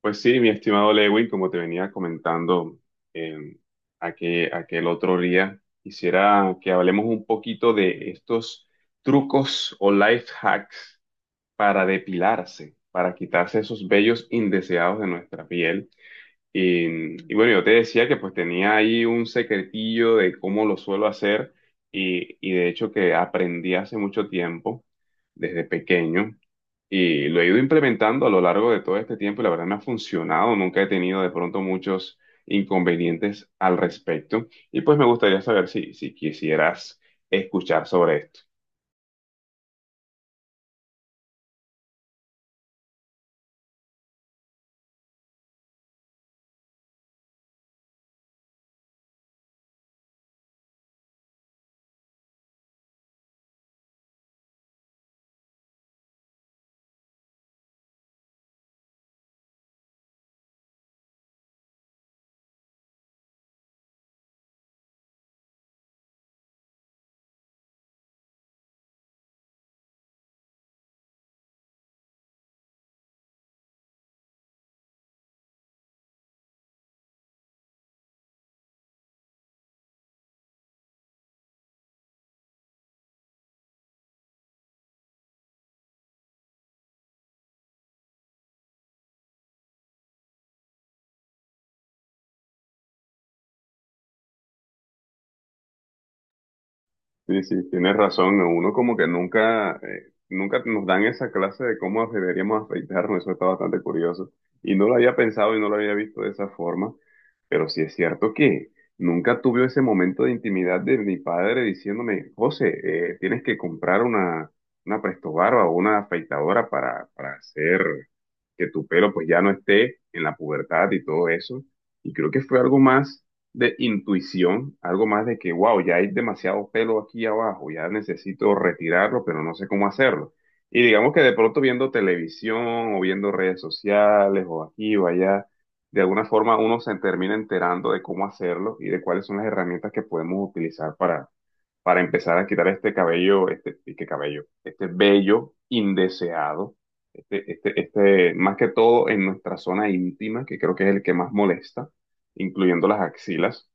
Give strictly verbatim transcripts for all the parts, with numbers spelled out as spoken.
Pues sí, mi estimado Lewin, como te venía comentando eh, aquel, aquel otro día, quisiera que hablemos un poquito de estos trucos o life hacks para depilarse, para quitarse esos vellos indeseados de nuestra piel. Y, y bueno, yo te decía que pues tenía ahí un secretillo de cómo lo suelo hacer y, y de hecho que aprendí hace mucho tiempo, desde pequeño. Y lo he ido implementando a lo largo de todo este tiempo y la verdad me ha funcionado. Nunca he tenido de pronto muchos inconvenientes al respecto. Y pues me gustaría saber si, si quisieras escuchar sobre esto. Sí, sí, tienes razón. Uno como que nunca, eh, nunca nos dan esa clase de cómo deberíamos afeitarnos. Eso está bastante curioso. Y no lo había pensado y no lo había visto de esa forma. Pero sí es cierto que nunca tuve ese momento de intimidad de mi padre diciéndome, José, eh, tienes que comprar una, una prestobarba o una afeitadora para, para hacer que tu pelo pues ya no esté en la pubertad y todo eso. Y creo que fue algo más de intuición, algo más de que, wow, ya hay demasiado pelo aquí abajo, ya necesito retirarlo, pero no sé cómo hacerlo. Y digamos que de pronto viendo televisión o viendo redes sociales o aquí o allá, de alguna forma uno se termina enterando de cómo hacerlo y de cuáles son las herramientas que podemos utilizar para, para empezar a quitar este cabello, este, y qué cabello, este vello indeseado, este, este, este, más que todo en nuestra zona íntima, que creo que es el que más molesta incluyendo las axilas.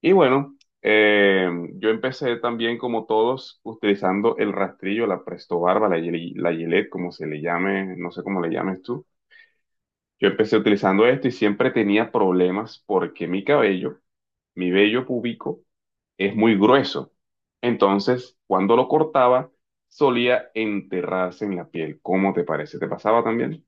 Y bueno, eh, yo empecé también como todos utilizando el rastrillo, la Presto Barba, la, Gillette, la Gillette, como se le llame, no sé cómo le llames tú. Yo empecé utilizando esto y siempre tenía problemas porque mi cabello, mi vello púbico, es muy grueso. Entonces, cuando lo cortaba, solía enterrarse en la piel. ¿Cómo te parece? ¿Te pasaba también?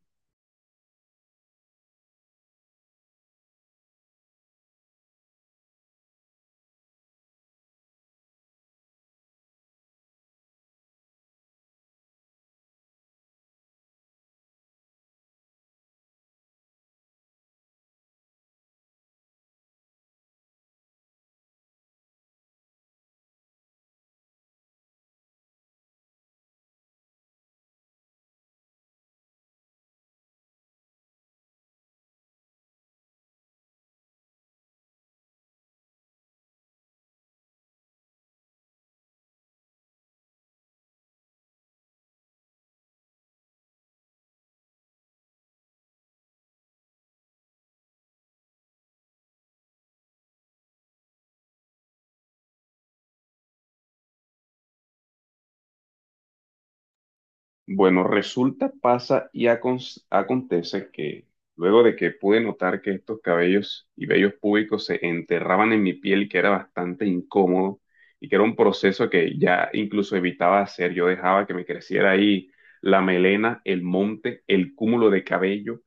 Bueno, resulta, pasa y acon- acontece que luego de que pude notar que estos cabellos y vellos púbicos se enterraban en mi piel, que era bastante incómodo y que era un proceso que ya incluso evitaba hacer, yo dejaba que me creciera ahí la melena, el monte, el cúmulo de cabello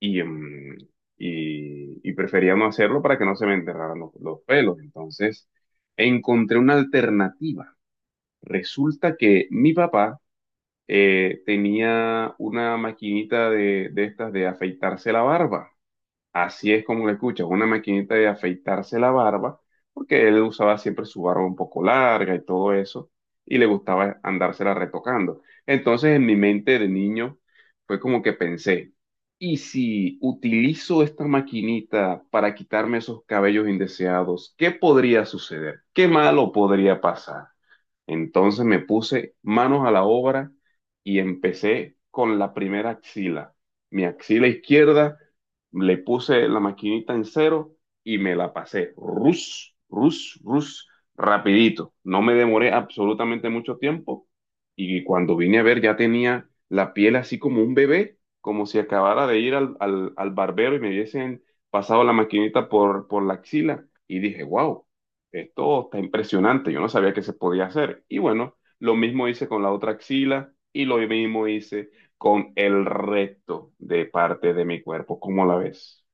y, em, y, y prefería no hacerlo para que no se me enterraran los, los pelos. Entonces, encontré una alternativa. Resulta que mi papá eh, tenía una maquinita de, de estas de afeitarse la barba. Así es como lo escuchas, una maquinita de afeitarse la barba, porque él usaba siempre su barba un poco larga y todo eso, y le gustaba andársela retocando. Entonces en mi mente de niño fue como que pensé, ¿y si utilizo esta maquinita para quitarme esos cabellos indeseados? ¿Qué podría suceder? ¿Qué malo podría pasar? Entonces me puse manos a la obra y empecé con la primera axila. Mi axila izquierda, le puse la maquinita en cero y me la pasé. Rus, rus, rus, rapidito. No me demoré absolutamente mucho tiempo y cuando vine a ver ya tenía la piel así como un bebé, como si acabara de ir al, al, al barbero y me hubiesen pasado la maquinita por, por la axila. Y dije, wow, esto está impresionante, yo no sabía que se podía hacer. Y bueno, lo mismo hice con la otra axila y lo mismo hice con el resto de parte de mi cuerpo. ¿Cómo la ves?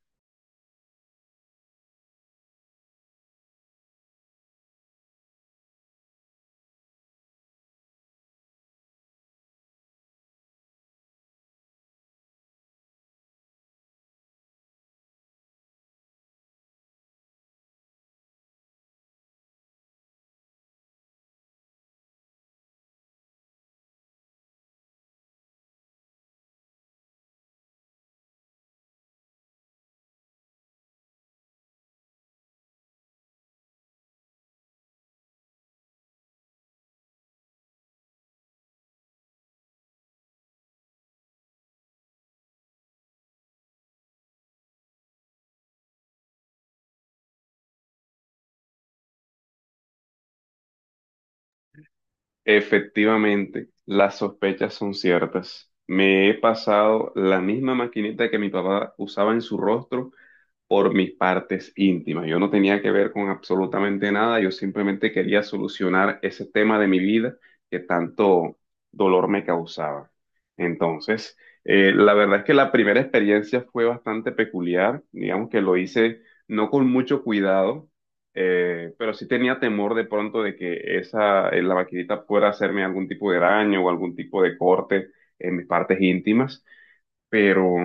Efectivamente, las sospechas son ciertas. Me he pasado la misma maquinita que mi papá usaba en su rostro por mis partes íntimas. Yo no tenía que ver con absolutamente nada, yo simplemente quería solucionar ese tema de mi vida que tanto dolor me causaba. Entonces, eh, la verdad es que la primera experiencia fue bastante peculiar, digamos que lo hice no con mucho cuidado, eh, pero sí tenía temor de pronto de que esa, eh, la maquinita pudiera hacerme algún tipo de daño o algún tipo de corte en mis partes íntimas. Pero,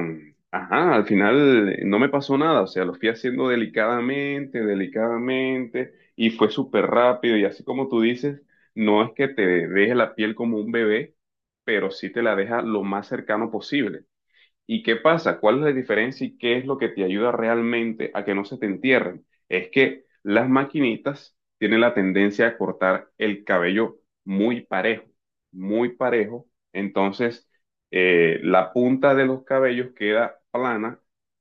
ajá, al final eh, no me pasó nada, o sea, lo fui haciendo delicadamente, delicadamente, y fue súper rápido, y así como tú dices, no es que te deje la piel como un bebé, pero sí te la deja lo más cercano posible. ¿Y qué pasa? ¿Cuál es la diferencia y qué es lo que te ayuda realmente a que no se te entierren? Es que las maquinitas tienen la tendencia a cortar el cabello muy parejo, muy parejo. Entonces, eh, la punta de los cabellos queda plana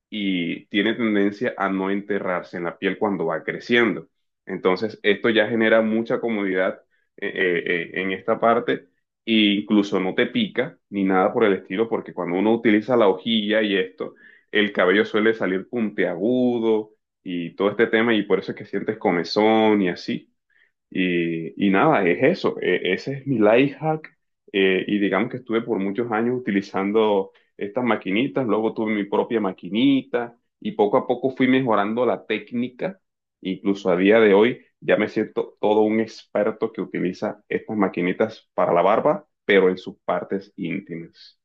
y tiene tendencia a no enterrarse en la piel cuando va creciendo. Entonces, esto ya genera mucha comodidad eh, eh, eh, en esta parte e incluso no te pica ni nada por el estilo, porque cuando uno utiliza la hojilla y esto, el cabello suele salir puntiagudo y todo este tema, y por eso es que sientes comezón y así. Y, y nada, es eso, e- ese es mi life hack, eh, y digamos que estuve por muchos años utilizando estas maquinitas, luego tuve mi propia maquinita y poco a poco fui mejorando la técnica, incluso a día de hoy ya me siento todo un experto que utiliza estas maquinitas para la barba, pero en sus partes íntimas.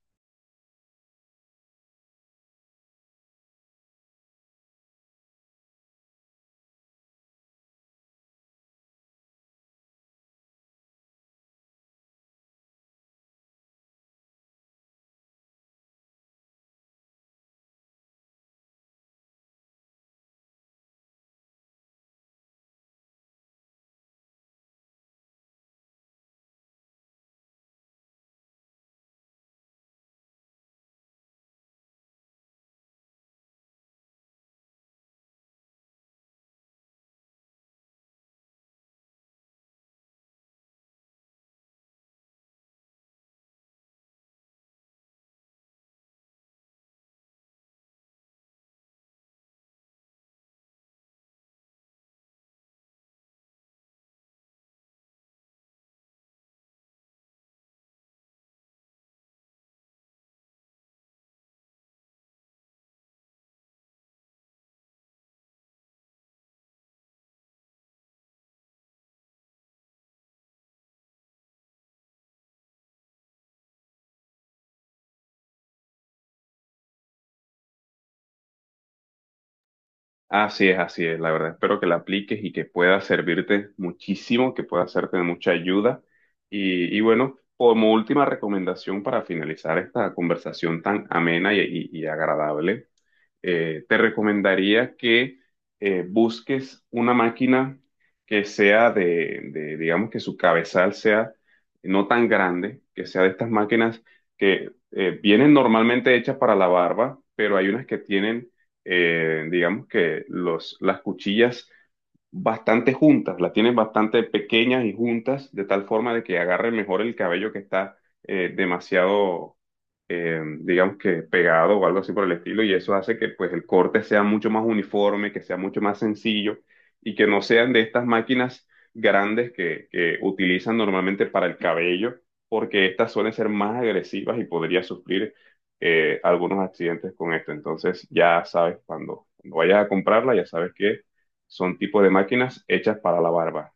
Así es, así es, la verdad. Espero que la apliques y que pueda servirte muchísimo, que pueda hacerte de mucha ayuda. Y, y bueno, como última recomendación para finalizar esta conversación tan amena y, y- y agradable, eh, te recomendaría que eh, busques una máquina que sea de, de, digamos que su cabezal sea no tan grande, que sea de estas máquinas que eh, vienen normalmente hechas para la barba, pero hay unas que tienen, eh, digamos que los, las cuchillas bastante juntas, las tienen bastante pequeñas y juntas, de tal forma de que agarre mejor el cabello que está eh, demasiado eh, digamos que pegado o algo así por el estilo, y eso hace que pues el corte sea mucho más uniforme, que sea mucho más sencillo y que no sean de estas máquinas grandes que, que utilizan normalmente para el cabello, porque estas suelen ser más agresivas y podría sufrir eh, algunos accidentes con esto. Entonces ya sabes, cuando, cuando vayas a comprarla, ya sabes que son tipos de máquinas hechas para la barba.